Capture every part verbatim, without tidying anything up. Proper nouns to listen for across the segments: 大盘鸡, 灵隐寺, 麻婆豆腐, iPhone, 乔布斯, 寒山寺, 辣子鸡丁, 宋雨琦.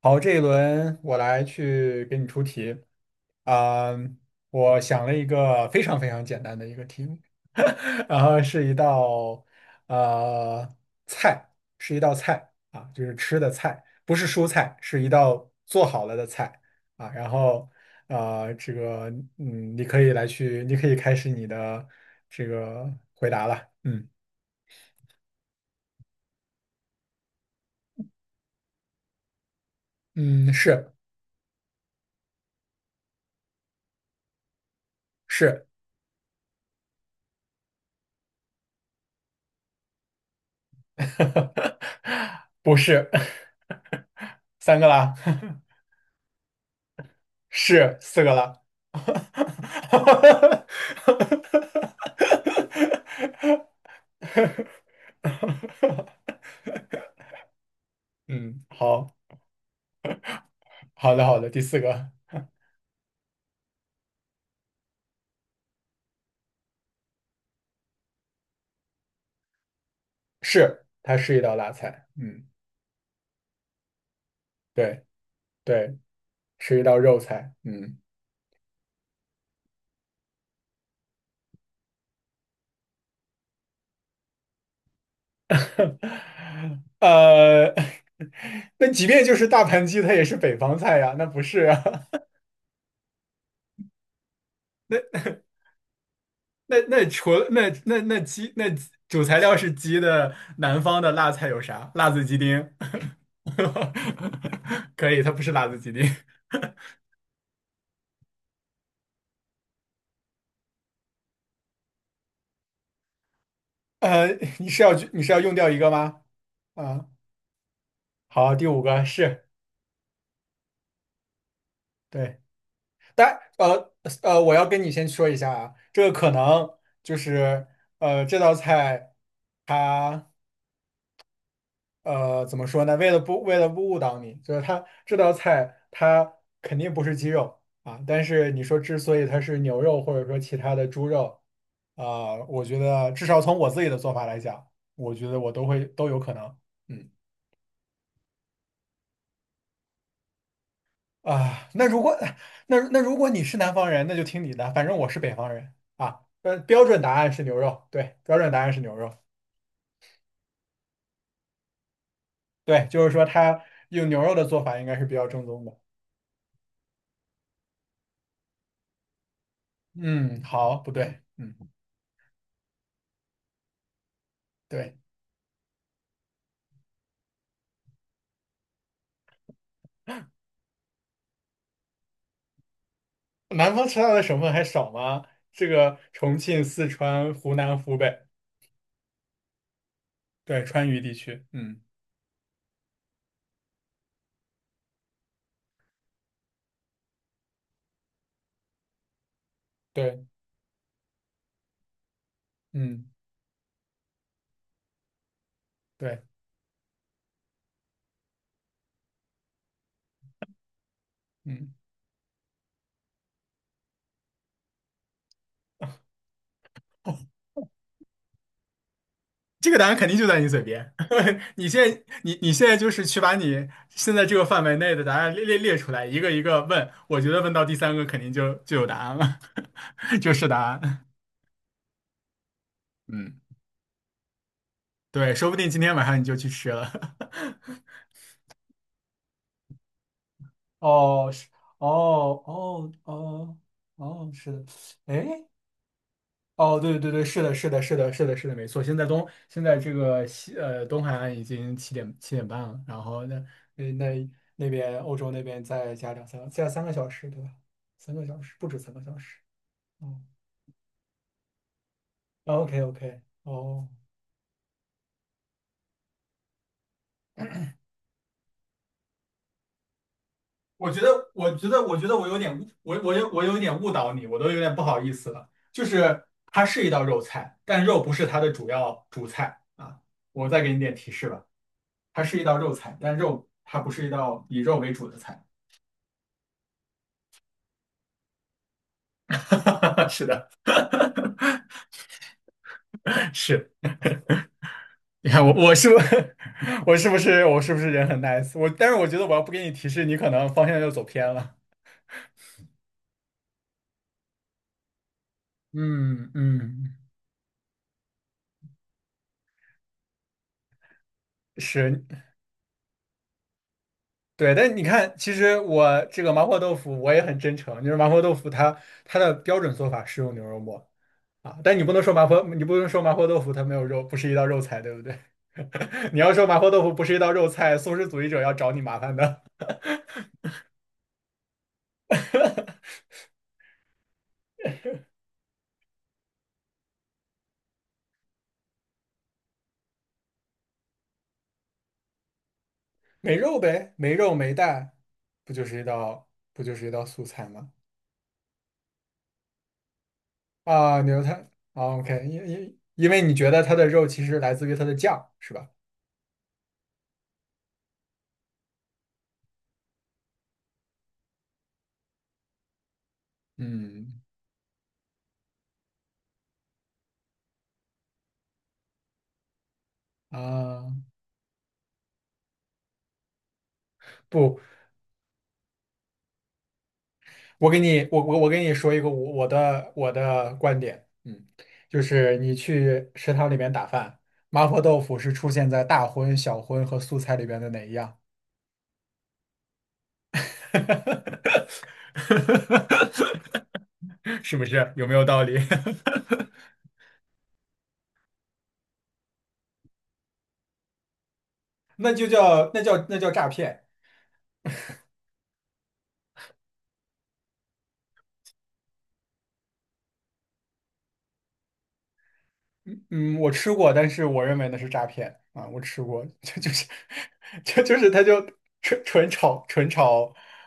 好，这一轮我来去给你出题啊，我想了一个非常非常简单的一个题目，然后是一道呃菜，是一道菜啊，就是吃的菜，不是蔬菜，是一道做好了的菜啊。然后呃，这个嗯，你可以来去，你可以开始你的这个回答了。嗯嗯，是是。不是，三个啦，是四个啦。嗯，好，好的，好的，第四个是，它是一道辣菜。嗯，对，对，是一道肉菜。嗯，呃，那即便就是大盘鸡，它也是北方菜呀，那不是啊？那那那除了那那那鸡那鸡主材料是鸡的，南方的辣菜有啥？辣子鸡丁，可以，它不是辣子鸡丁。呃，你是要你是要用掉一个吗？啊，好，第五个是对，但呃呃，我要跟你先说一下啊，这个可能就是呃这道菜它。呃，怎么说呢？为了不为了不误导你，就是它这道菜它肯定不是鸡肉啊，但是你说之所以它是牛肉或者说其他的猪肉，啊，我觉得至少从我自己的做法来讲，我觉得我都会都有可能。嗯啊，那如果 那那如果你是南方人，那就听你的，反正我是北方人啊。呃，标准答案是牛肉，对，标准答案是牛肉，对，就是说它用牛肉的做法应该是比较正宗的。嗯，好，不对，嗯，对。南方吃辣的省份还少吗？这个重庆、四川、湖南、湖北，对，川渝地区，嗯，对，嗯，对，嗯，这个答案肯定就在你嘴边。你现在，你你现在就是去把你现在这个范围内的答案列列列出来，一个一个问。我觉得问到第三个肯定就就有答案了，就是答案。嗯，对，说不定今天晚上你就去吃了。哦，是，哦，哦，哦，哦，是的，哎。哦，对对对，是的，是的，是的，是的，是的，没错。现在东现在这个西呃东海岸已经七点七点半了，然后那那那那边欧洲那边再加两三个，加三个小时，对吧？三个小时不止三个小时。哦，OK OK,哦，我觉得，我觉得，我觉得我有点误，我我有我有点误导你，我都有点不好意思了。就是它是一道肉菜，但肉不是它的主要主菜啊。我再给你点提示吧，它是一道肉菜，但肉它不是一道以肉为主的菜。是的，是。你看我我是不 我是不是我是不是人很 nice?我但是我觉得我要不给你提示，你可能方向就走偏了。嗯嗯，是对，但你看，其实我这个麻婆豆腐我也很真诚，就是麻婆豆腐它它的标准做法是用牛肉末啊，但你不能说麻婆你不能说麻婆豆腐它没有肉，不是一道肉菜，对不对？你要说麻婆豆腐不是一道肉菜，素食主义者要找你麻烦的。没肉呗，没肉没蛋，不就是一道不就是一道素菜吗？啊，牛排啊，OK,因因因为你觉得它的肉其实来自于它的酱，是吧？嗯啊，不，我给你我我我给你说一个我我的我的观点，嗯，就是你去食堂里面打饭，麻婆豆腐是出现在大荤、小荤和素菜里边的哪一样？是不是？有没有道理？那就叫那叫那叫诈骗。嗯嗯，我吃过，但是我认为那是诈骗啊，我吃过，这就是这 就是他就纯纯炒纯炒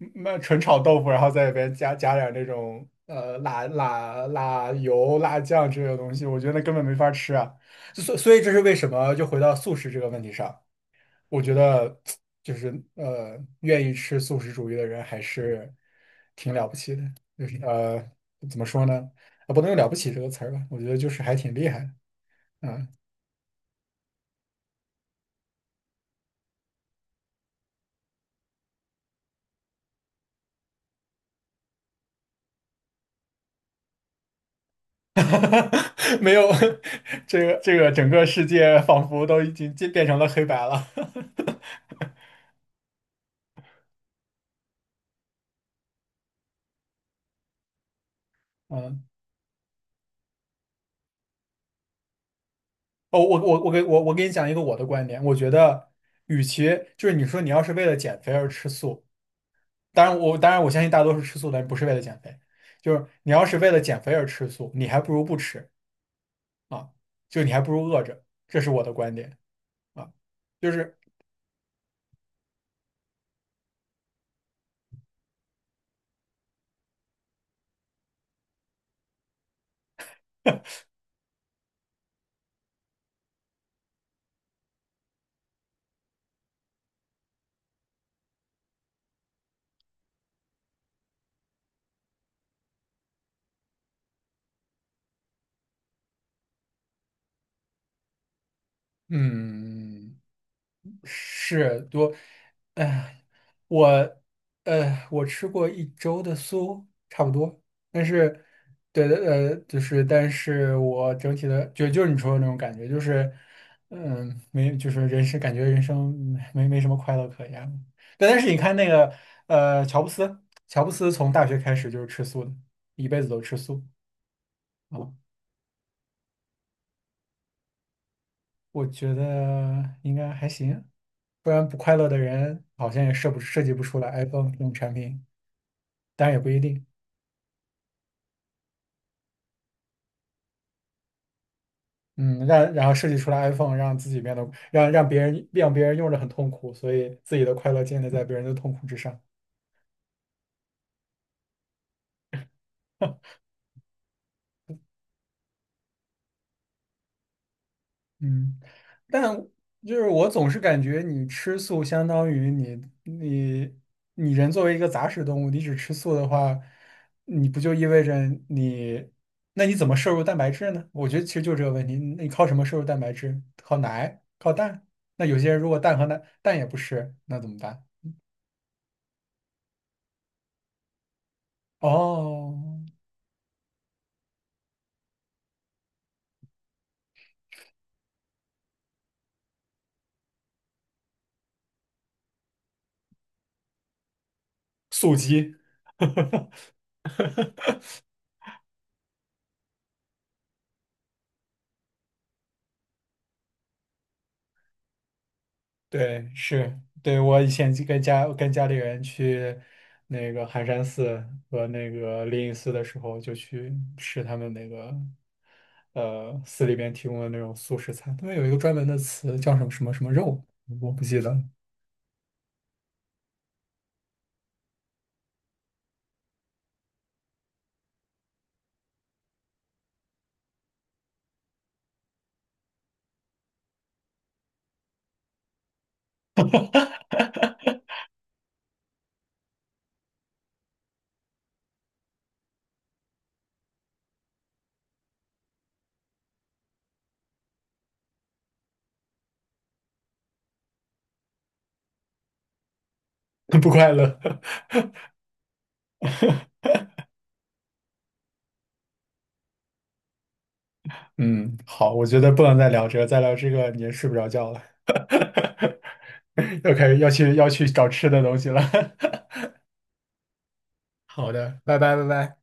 嗯那纯炒豆腐，然后在里边加加点那种呃辣辣辣油、辣酱之类的东西，我觉得那根本没法吃啊。所所以这是为什么？就回到素食这个问题上，我觉得就是呃，愿意吃素食主义的人还是挺了不起的。就是呃，怎么说呢？啊，不能用"了不起"这个词儿吧？我觉得就是还挺厉害的啊。没有，这个这个整个世界仿佛都已经变变成了黑白了。嗯，哦，我我我给我我给你讲一个我的观点，我觉得，与其就是你说你要是为了减肥而吃素。当然我，当然我相信大多数吃素的人不是为了减肥，就是你要是为了减肥而吃素，你还不如不吃啊，就你还不如饿着，这是我的观点啊，就是嗯。是多，哎，我，呃，我吃过一周的素，差不多。但是，对的，呃，就是，但是我整体的，就就是你说的那种感觉，就是，嗯，没，就是人生感觉人生没没什么快乐可言。对，但是你看那个，呃，乔布斯，乔布斯从大学开始就是吃素的，一辈子都吃素啊。我觉得应该还行，不然不快乐的人好像也设不设计不出来 iPhone 这种产品。但也不一定。嗯，让然后设计出来 iPhone,让自己变得让让别人让别人用着很痛苦，所以自己的快乐建立在别人的痛苦之上。嗯，但就是我总是感觉你吃素相当于你你你人作为一个杂食动物，你只吃素的话，你不就意味着你那你怎么摄入蛋白质呢？我觉得其实就这个问题，你靠什么摄入蛋白质？靠奶？靠蛋？那有些人如果蛋和奶蛋也不吃，那怎么办？哦，速激。对，是，对，我以前就跟家跟家里人去那个寒山寺和那个灵隐寺的时候，就去吃他们那个呃寺里边提供的那种素食餐，他们有一个专门的词叫什么什么什么肉，我不记得了，不快乐。嗯，好，我觉得不能再聊这个，再聊这个你也睡不着觉了，要开始要去要去找吃的东西了。好的，拜拜拜拜。